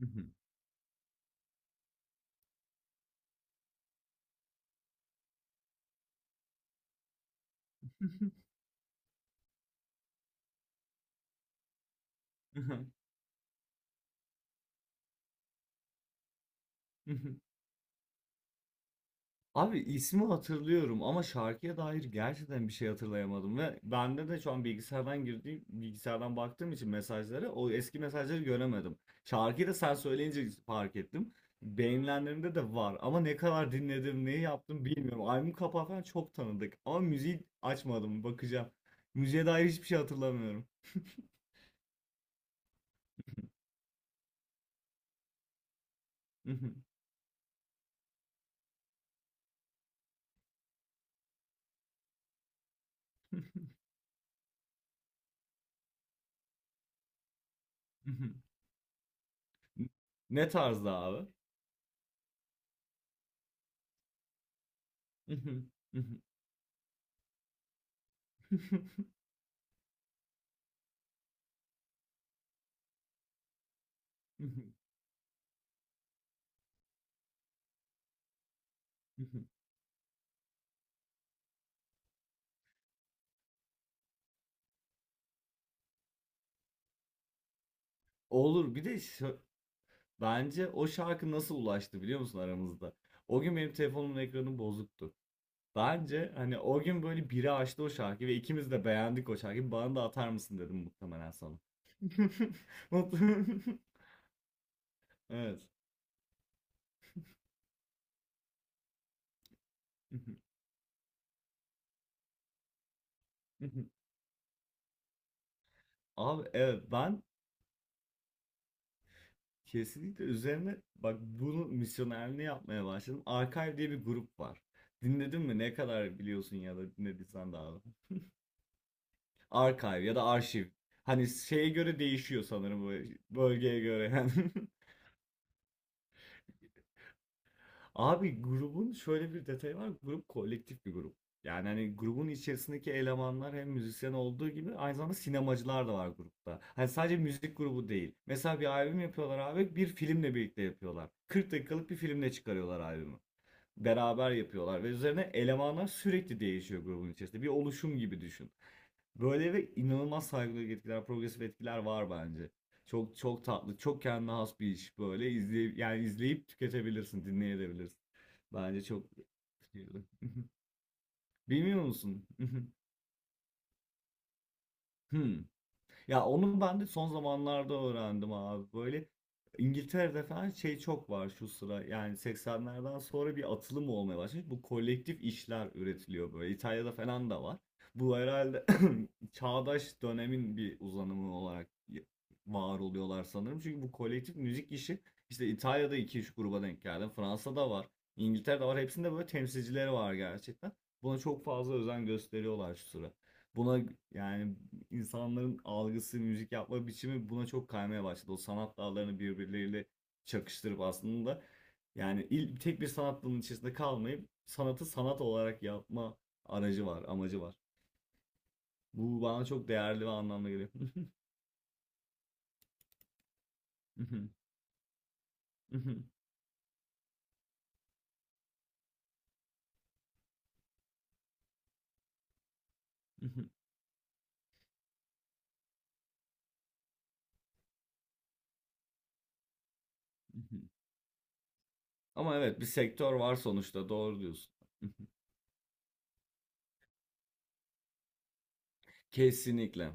Hı hı. Hı hı. Hı hı. Abi ismi hatırlıyorum ama şarkıya dair gerçekten bir şey hatırlayamadım ve bende de şu an bilgisayardan baktığım için mesajlara o eski mesajları göremedim. Şarkıyı da sen söyleyince fark ettim. Beğenilenlerimde de var ama ne kadar dinledim, neyi yaptım bilmiyorum. Albüm kapağı falan çok tanıdık ama müziği açmadım, bakacağım. Müziğe dair hiçbir şey hatırlamıyorum. Hı hı. Ne tarzda abi? Olur. Bence o şarkı nasıl ulaştı biliyor musun aramızda? O gün benim telefonumun ekranı bozuktu. Bence hani o gün böyle biri açtı o şarkıyı ve ikimiz de beğendik o şarkıyı. Bana da atar mısın dedim muhtemelen sana. Mutlu- Evet. Abi evet, ben kesinlikle üzerine, bak, bunu misyonerliğini yapmaya başladım. Archive diye bir grup var. Dinledin mi? Ne kadar biliyorsun ya da dinlediysen daha. Archive ya da arşiv. Hani şeye göre değişiyor sanırım, bu bölgeye göre. Yani. Abi grubun şöyle bir detayı var. Grup kolektif bir grup. Yani hani grubun içerisindeki elemanlar hem müzisyen olduğu gibi aynı zamanda sinemacılar da var grupta. Hani sadece müzik grubu değil. Mesela bir albüm yapıyorlar abi, bir filmle birlikte yapıyorlar. 40 dakikalık bir filmle çıkarıyorlar albümü. Beraber yapıyorlar ve üzerine elemanlar sürekli değişiyor grubun içerisinde. Bir oluşum gibi düşün. Böyle. Ve inanılmaz saygılı etkiler, progresif etkiler var bence. Çok çok tatlı, çok kendine has bir iş böyle. İzleyip, yani izleyip tüketebilirsin, dinleyebilirsin. Bence çok... Bilmiyor musun? Hmm. Ya onu ben de son zamanlarda öğrendim abi. Böyle İngiltere'de falan şey çok var şu sıra. Yani 80'lerden sonra bir atılım olmaya başlamış. Bu kolektif işler üretiliyor böyle. İtalya'da falan da var. Bu herhalde çağdaş dönemin bir uzanımı olarak var oluyorlar sanırım. Çünkü bu kolektif müzik işi, işte İtalya'da iki üç gruba denk geldim. Fransa'da var. İngiltere'de var. Hepsinde böyle temsilcileri var gerçekten. Buna çok fazla özen gösteriyorlar şu sıra. Buna, yani insanların algısı, müzik yapma biçimi buna çok kaymaya başladı. O sanat dallarını birbirleriyle çakıştırıp aslında, yani tek bir sanat dalının içerisinde kalmayıp sanatı sanat olarak yapma aracı var, amacı var. Bu bana çok değerli ve anlamlı geliyor. Ama evet, bir sektör var sonuçta, doğru diyorsun. Kesinlikle.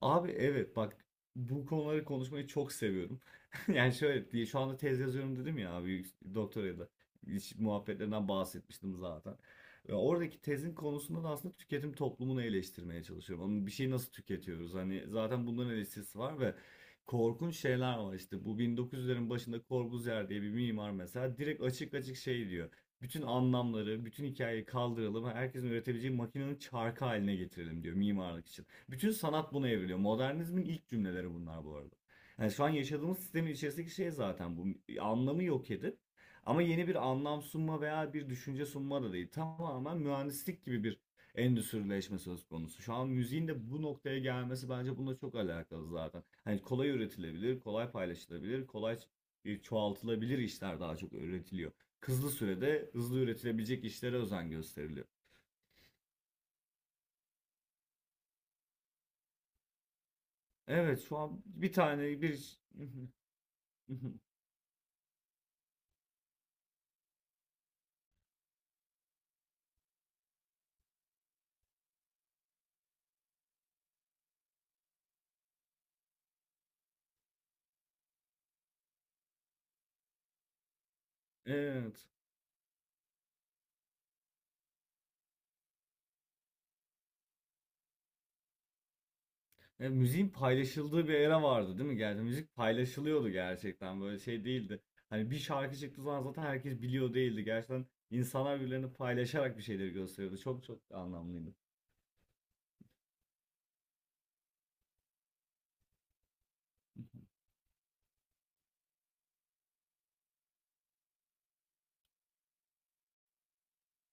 Abi evet bak, bu konuları konuşmayı çok seviyorum. Yani şöyle diye, şu anda tez yazıyorum dedim ya abi, doktoraya da, iş muhabbetlerinden bahsetmiştim zaten. Ve oradaki tezin konusunda da aslında tüketim toplumunu eleştirmeye çalışıyorum. Onun bir şeyi nasıl tüketiyoruz? Hani zaten bunların eleştirisi var ve korkunç şeyler var işte. Bu 1900'lerin başında Corbusier diye bir mimar mesela direkt açık açık şey diyor. Bütün anlamları, bütün hikayeyi kaldıralım. Herkesin üretebileceği makinenin çarkı haline getirelim diyor mimarlık için. Bütün sanat buna evriliyor. Modernizmin ilk cümleleri bunlar bu arada. Yani şu an yaşadığımız sistemin içerisindeki şey zaten bu. Anlamı yok edip ama yeni bir anlam sunma veya bir düşünce sunma da değil. Tamamen mühendislik gibi bir endüstrileşme söz konusu. Şu an müziğin de bu noktaya gelmesi bence bununla çok alakalı zaten. Hani kolay üretilebilir, kolay paylaşılabilir, kolay çoğaltılabilir işler daha çok üretiliyor. Hızlı sürede hızlı üretilebilecek işlere özen gösteriliyor. Evet, şu an bir tane bir Evet. Ya, müziğin paylaşıldığı bir era vardı değil mi? Yani müzik paylaşılıyordu gerçekten. Böyle şey değildi. Hani bir şarkı çıktığı zaman zaten herkes biliyor değildi. Gerçekten insanlar birbirlerini paylaşarak bir şeyleri gösteriyordu. Çok çok anlamlıydı.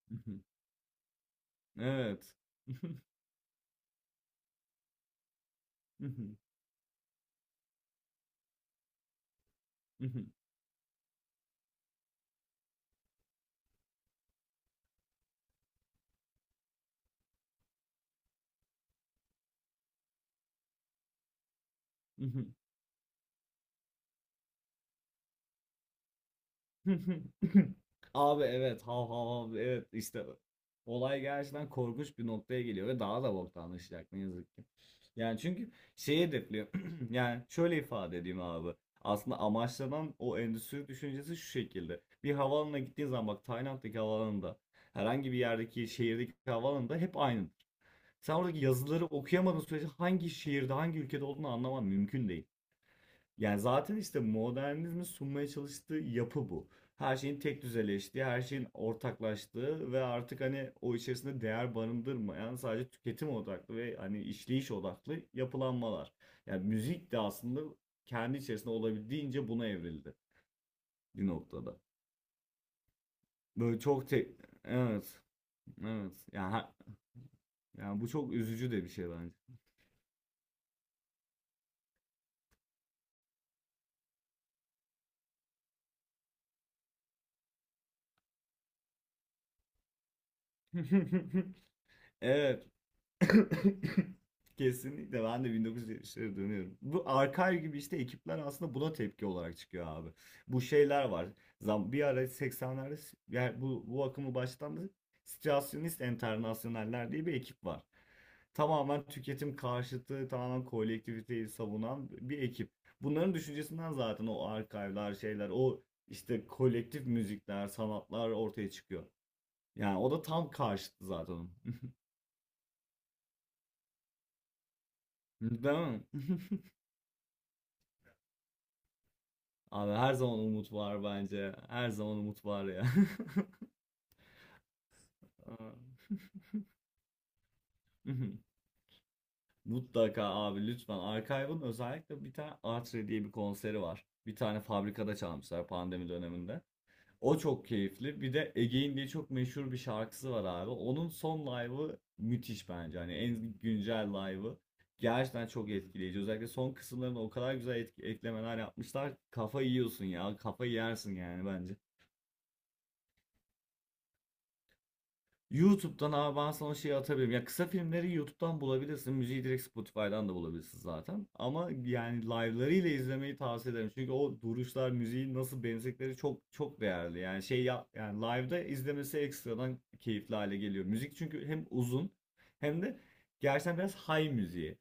Evet. Abi evet, hav hav hav, evet işte olay gerçekten korkunç bir noktaya geliyor ve daha da boktanlaşacak ne yazık ki. Yani çünkü şeyi hedefliyor yani şöyle ifade edeyim abi, aslında amaçlanan o endüstri düşüncesi şu şekilde: bir havaalanına gittiğin zaman, bak Tayland'daki havaalanında, herhangi bir yerdeki şehirdeki havaalanında hep aynı. Sen oradaki yazıları okuyamadığın sürece hangi şehirde hangi ülkede olduğunu anlaman mümkün değil. Yani zaten işte modernizmin sunmaya çalıştığı yapı bu. Her şeyin tek düzeleştiği, her şeyin ortaklaştığı ve artık hani o içerisinde değer barındırmayan, sadece tüketim odaklı ve hani işleyiş odaklı yapılanmalar. Yani müzik de aslında kendi içerisinde olabildiğince buna evrildi bir noktada. Böyle çok tek... Evet, evet. Yani bu çok üzücü de bir şey bence. Evet. Kesinlikle ben de 1970'lere dönüyorum. Bu Archive gibi işte ekipler aslında buna tepki olarak çıkıyor abi. Bu şeyler var. Zam bir ara 80'lerde yani bu akımı başlatan Situasyonist Enternasyonel'ler diye bir ekip var. Tamamen tüketim karşıtı, tamamen kolektiviteyi savunan bir ekip. Bunların düşüncesinden zaten o arkaylar, şeyler, o işte kolektif müzikler, sanatlar ortaya çıkıyor. Yani o da tam karşıtı zaten onun. Değil mi? Abi her zaman umut var bence. Her zaman umut var ya. Aa. Mhm. Mutlaka abi, lütfen. Archive'ın özellikle bir tane Artre diye bir konseri var. Bir tane fabrikada çalmışlar pandemi döneminde. O çok keyifli. Bir de Again diye çok meşhur bir şarkısı var abi. Onun son live'ı müthiş bence. Hani en güncel live'ı. Gerçekten çok etkileyici. Özellikle son kısımlarına o kadar güzel eklemeler yapmışlar. Kafa yiyorsun ya. Kafa yersin yani bence. YouTube'dan abi, ben sana şey atabilirim. Ya kısa filmleri YouTube'dan bulabilirsin. Müziği direkt Spotify'dan da bulabilirsin zaten. Ama yani live'larıyla izlemeyi tavsiye ederim. Çünkü o duruşlar, müziği nasıl benzettikleri çok çok değerli. Yani şey ya, yani live'da izlemesi ekstradan keyifli hale geliyor. Müzik, çünkü hem uzun hem de gerçekten biraz high müziği.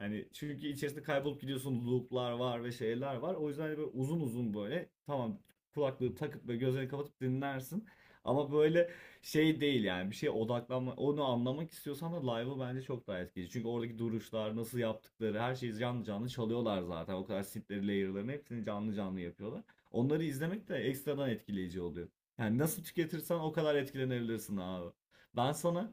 Yani çünkü içerisinde kaybolup gidiyorsun, loop'lar var ve şeyler var. O yüzden hani böyle uzun uzun, böyle tamam, kulaklığı takıp ve gözlerini kapatıp dinlersin. Ama böyle şey değil yani, bir şeye odaklanma onu anlamak istiyorsan da live'ı bence çok daha etkili. Çünkü oradaki duruşlar, nasıl yaptıkları, her şeyi canlı canlı çalıyorlar zaten. O kadar synth'leri, layer'larını hepsini canlı canlı yapıyorlar. Onları izlemek de ekstradan etkileyici oluyor. Yani nasıl tüketirsen o kadar etkilenebilirsin abi. Ben sana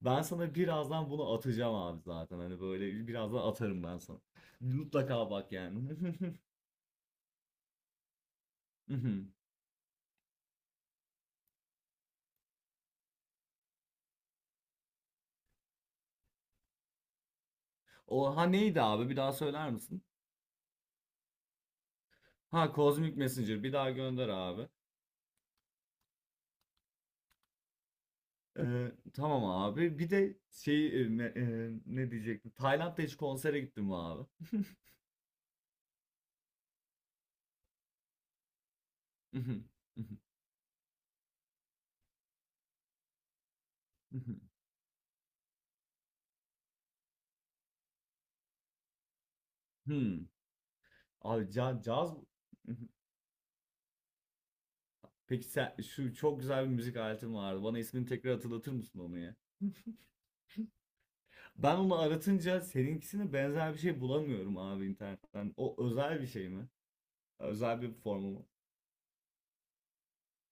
ben sana birazdan bunu atacağım abi zaten. Hani böyle birazdan atarım ben sana. Mutlaka bak yani. O ha neydi abi? Bir daha söyler misin? Ha Cosmic Messenger, bir daha gönder abi. Tamam abi. Bir de ne diyecektim? Tayland'da hiç konsere gittim mi abi? Hmm. Abi caz. Peki sen, şu çok güzel bir müzik aletin vardı. Bana ismini tekrar hatırlatır mısın onu ya? Ben onu aratınca seninkisine benzer bir şey bulamıyorum abi internetten. O özel bir şey mi? Özel bir formu mu?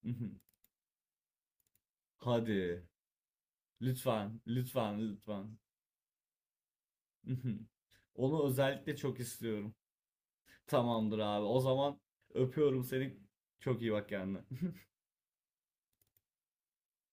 Hadi. Lütfen, lütfen, lütfen. Onu özellikle çok istiyorum. Tamamdır abi. O zaman öpüyorum seni. Çok iyi bak kendine.